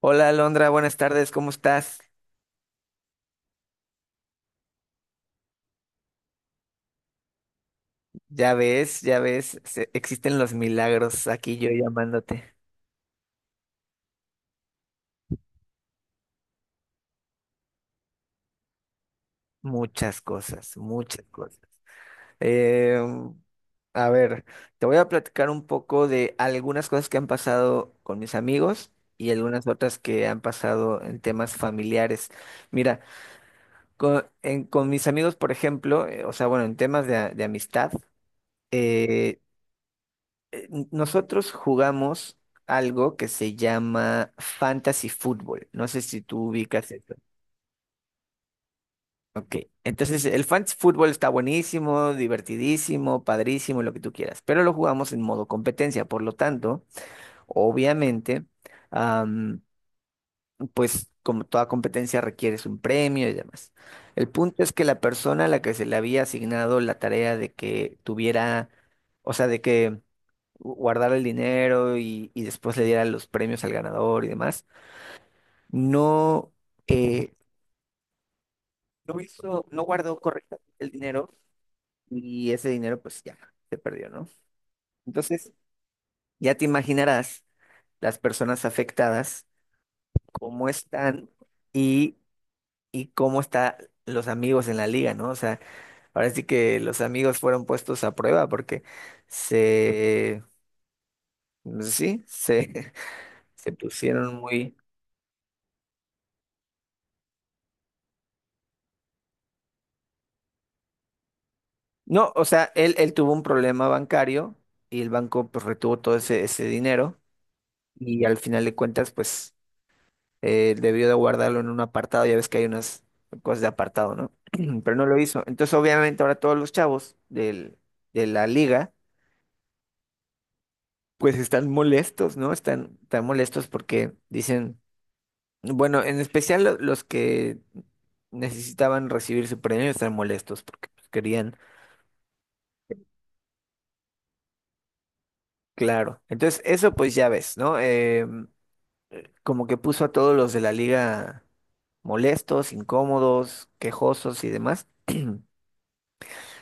Hola Alondra, buenas tardes, ¿cómo estás? Ya ves, existen los milagros aquí yo llamándote. Muchas cosas, muchas cosas. Eh, a ver, Te voy a platicar un poco de algunas cosas que han pasado con mis amigos y algunas otras que han pasado en temas familiares. Mira, con mis amigos, por ejemplo, o sea, bueno, en temas de, de amistad. eh, Nosotros jugamos algo que se llama Fantasy Fútbol. No sé si tú ubicas esto. Ok, entonces el Fantasy Fútbol está buenísimo, divertidísimo, padrísimo, lo que tú quieras, pero lo jugamos en modo competencia, por lo tanto, obviamente, pues como toda competencia requieres un premio y demás. El punto es que la persona a la que se le había asignado la tarea de que tuviera, o sea, de que guardara el dinero y después le diera los premios al ganador y demás, no, eh, no hizo, no guardó correctamente el dinero y ese dinero pues ya se perdió, ¿no? Entonces, ya te imaginarás las personas afectadas, cómo están y, y cómo están los amigos en la liga, ¿no? O sea, ahora sí que los amigos fueron puestos a prueba porque se, pues sí, se, se pusieron muy... No, o sea, él tuvo un problema bancario y el banco pues retuvo todo ese, ese dinero y al final de cuentas pues debió de guardarlo en un apartado, ya ves que hay unas cosas de apartado, ¿no? Pero no lo hizo. Entonces obviamente ahora todos los chavos del, de la liga pues están molestos, ¿no? Están, están molestos porque dicen... Bueno, en especial los que necesitaban recibir su premio están molestos porque pues, querían, claro. Entonces, eso pues ya ves, ¿no? Como que puso a todos los de la liga molestos, incómodos, quejosos y demás,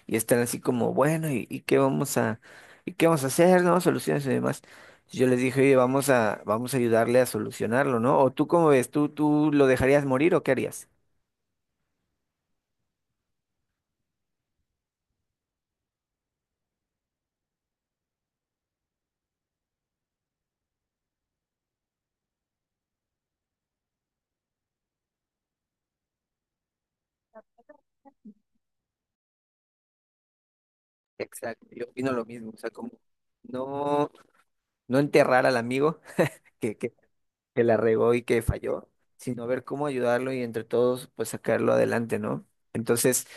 y están así como, bueno, y qué vamos a, y qué vamos a hacer, ¿no? Soluciones y demás. Yo les dije, oye, vamos a, vamos a ayudarle a solucionarlo, ¿no? O tú, ¿cómo ves? Tú lo dejarías morir o qué harías? Exacto, yo opino lo mismo, o sea, como no. No enterrar al amigo que, que, que la regó y que falló, sino ver cómo ayudarlo y entre todos pues sacarlo adelante, ¿no? Entonces,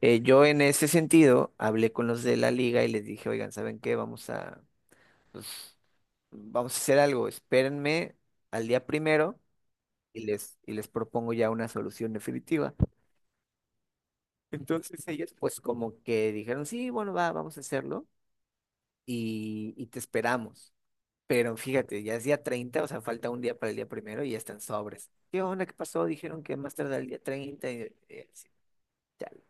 yo en ese sentido hablé con los de la liga y les dije, oigan, ¿saben qué? Vamos a, pues, vamos a hacer algo, espérenme al día 1.º y les propongo ya una solución definitiva. Entonces ellos pues como que dijeron, sí, bueno, va, vamos a hacerlo y te esperamos. Pero fíjate, ya es día 30, o sea, falta un día para el día 1.º y ya están sobres. ¿Qué onda? ¿Qué pasó? Dijeron que más tarde el día 30. Y así, chale,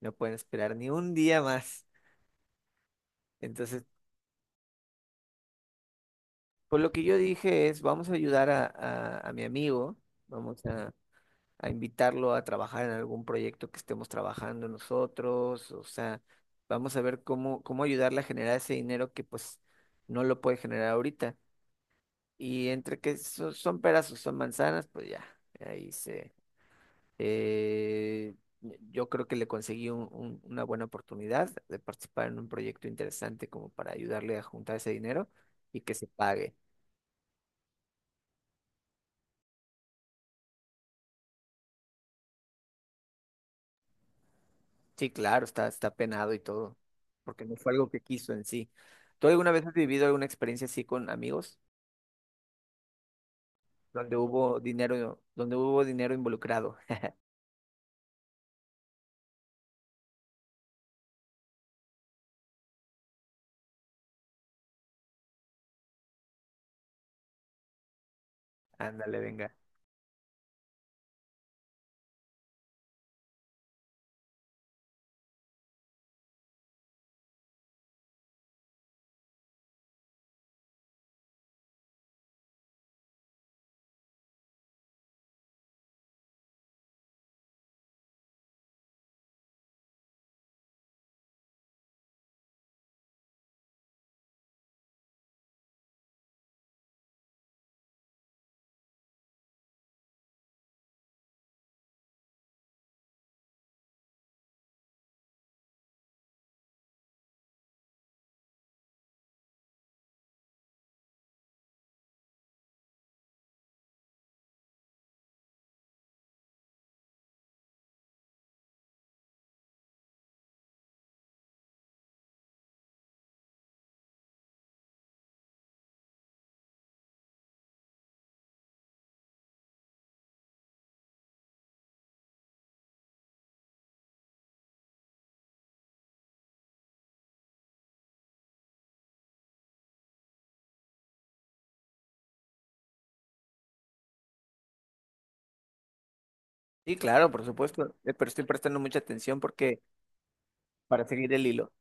no pueden esperar ni un día más. Entonces, por lo que yo dije es, vamos a ayudar a, a mi amigo, vamos a invitarlo a trabajar en algún proyecto que estemos trabajando nosotros, o sea, vamos a ver cómo, cómo ayudarle a generar ese dinero que pues no lo puede generar ahorita. Y entre que son peras o son manzanas, pues ya, ahí se... Eh, yo creo que le conseguí una buena oportunidad de participar en un proyecto interesante como para ayudarle a juntar ese dinero y que se pague. Sí, claro, está, está penado y todo, porque no fue algo que quiso en sí. ¿Tú alguna vez has vivido alguna experiencia así con amigos donde hubo dinero involucrado? Ándale, venga. Sí, claro, por supuesto, pero estoy prestando mucha atención porque para seguir el hilo.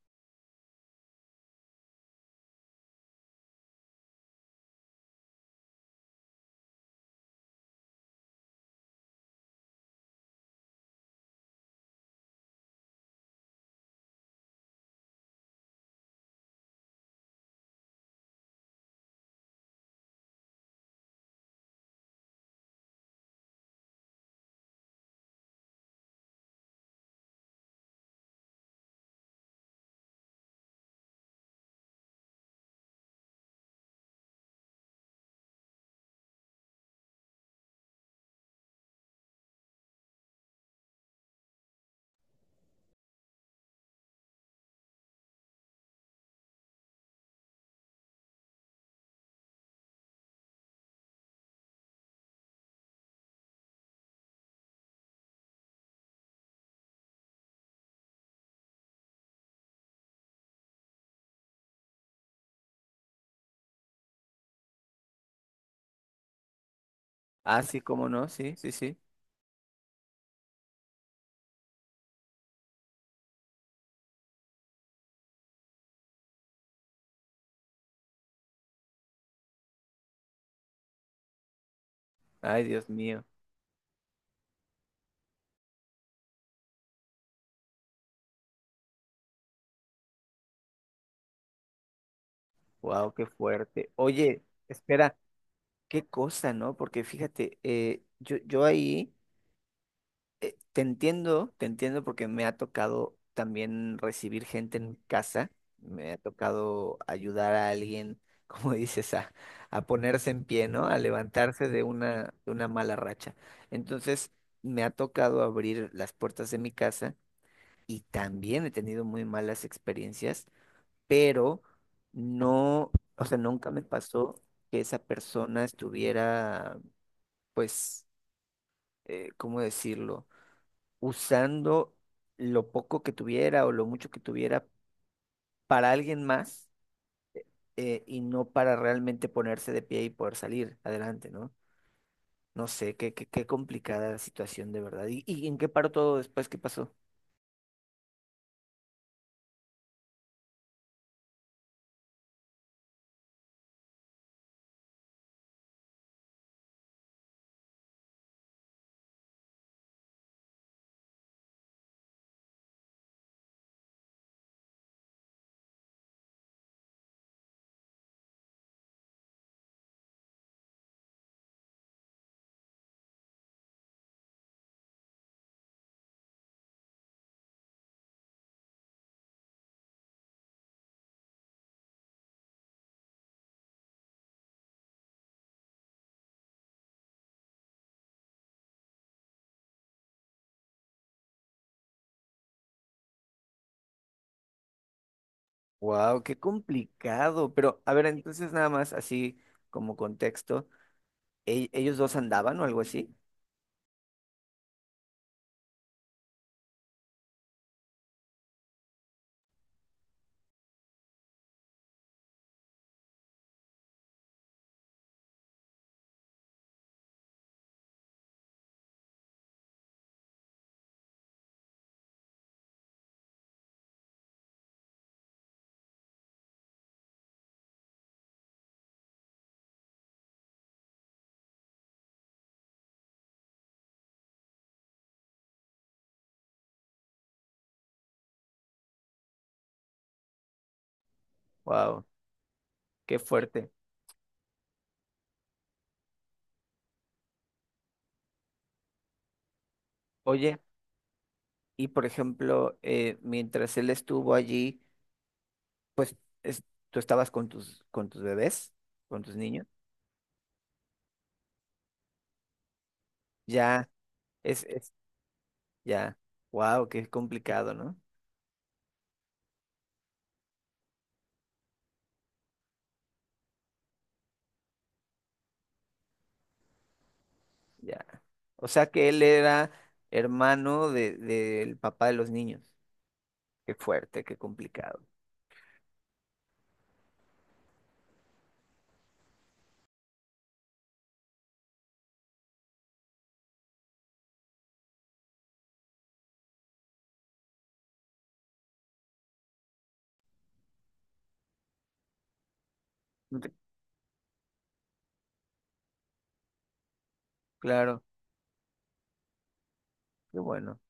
Ah, sí, cómo no, sí, sí, sí. Ay, Dios mío. Wow, qué fuerte. Oye, espera, qué cosa, ¿no? Porque fíjate, yo ahí te entiendo porque me ha tocado también recibir gente en mi casa, me ha tocado ayudar a alguien, como dices, a ponerse en pie, ¿no? A levantarse de una mala racha. Entonces, me ha tocado abrir las puertas de mi casa y también he tenido muy malas experiencias pero no, o sea, nunca me pasó que esa persona estuviera, pues, ¿cómo decirlo? Usando lo poco que tuviera o lo mucho que tuviera para alguien más, y no para realmente ponerse de pie y poder salir adelante, ¿no? No sé, qué, qué, qué complicada la situación de verdad. Y en qué paró todo después? ¿Qué pasó? Wow, qué complicado. Pero, a ver, entonces nada más así como contexto, ellos dos andaban o algo así? Wow. Qué fuerte. Oye, y por ejemplo, mientras él estuvo allí, es- tú estabas con tus bebés, con tus niños. Ya, es, ya. Wow, qué complicado, ¿no? Ya. O sea que él era hermano de, del papá de los niños. Qué fuerte, qué complicado. Ujú. Claro, qué bueno.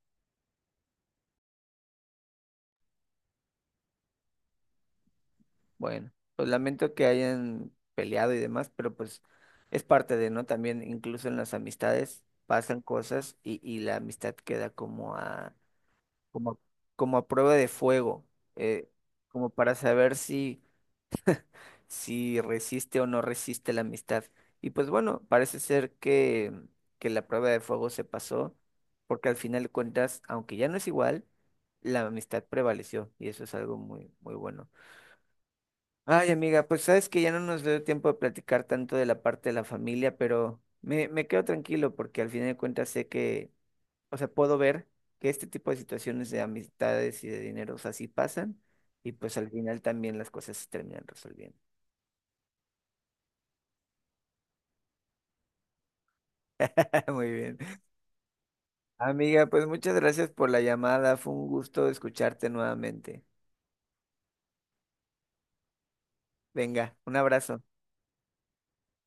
Bueno, pues lamento que hayan peleado y demás, pero pues es parte de, ¿no? También incluso en las amistades pasan cosas y la amistad queda como a, como, como a prueba de fuego, eh, como para saber si, si resiste o no resiste la amistad. Y pues bueno, parece ser que la prueba de fuego se pasó, porque al final de cuentas, aunque ya no es igual, la amistad prevaleció y eso es algo muy, muy bueno. Ay, amiga, pues sabes que ya no nos dio tiempo de platicar tanto de la parte de la familia, pero me quedo tranquilo porque al final de cuentas sé que, o sea, puedo ver que este tipo de situaciones de amistades y de dinero, o sea, sí pasan y pues al final también las cosas se terminan resolviendo. Muy bien. Amiga, pues muchas gracias por la llamada, fue un gusto escucharte nuevamente. Venga, un abrazo.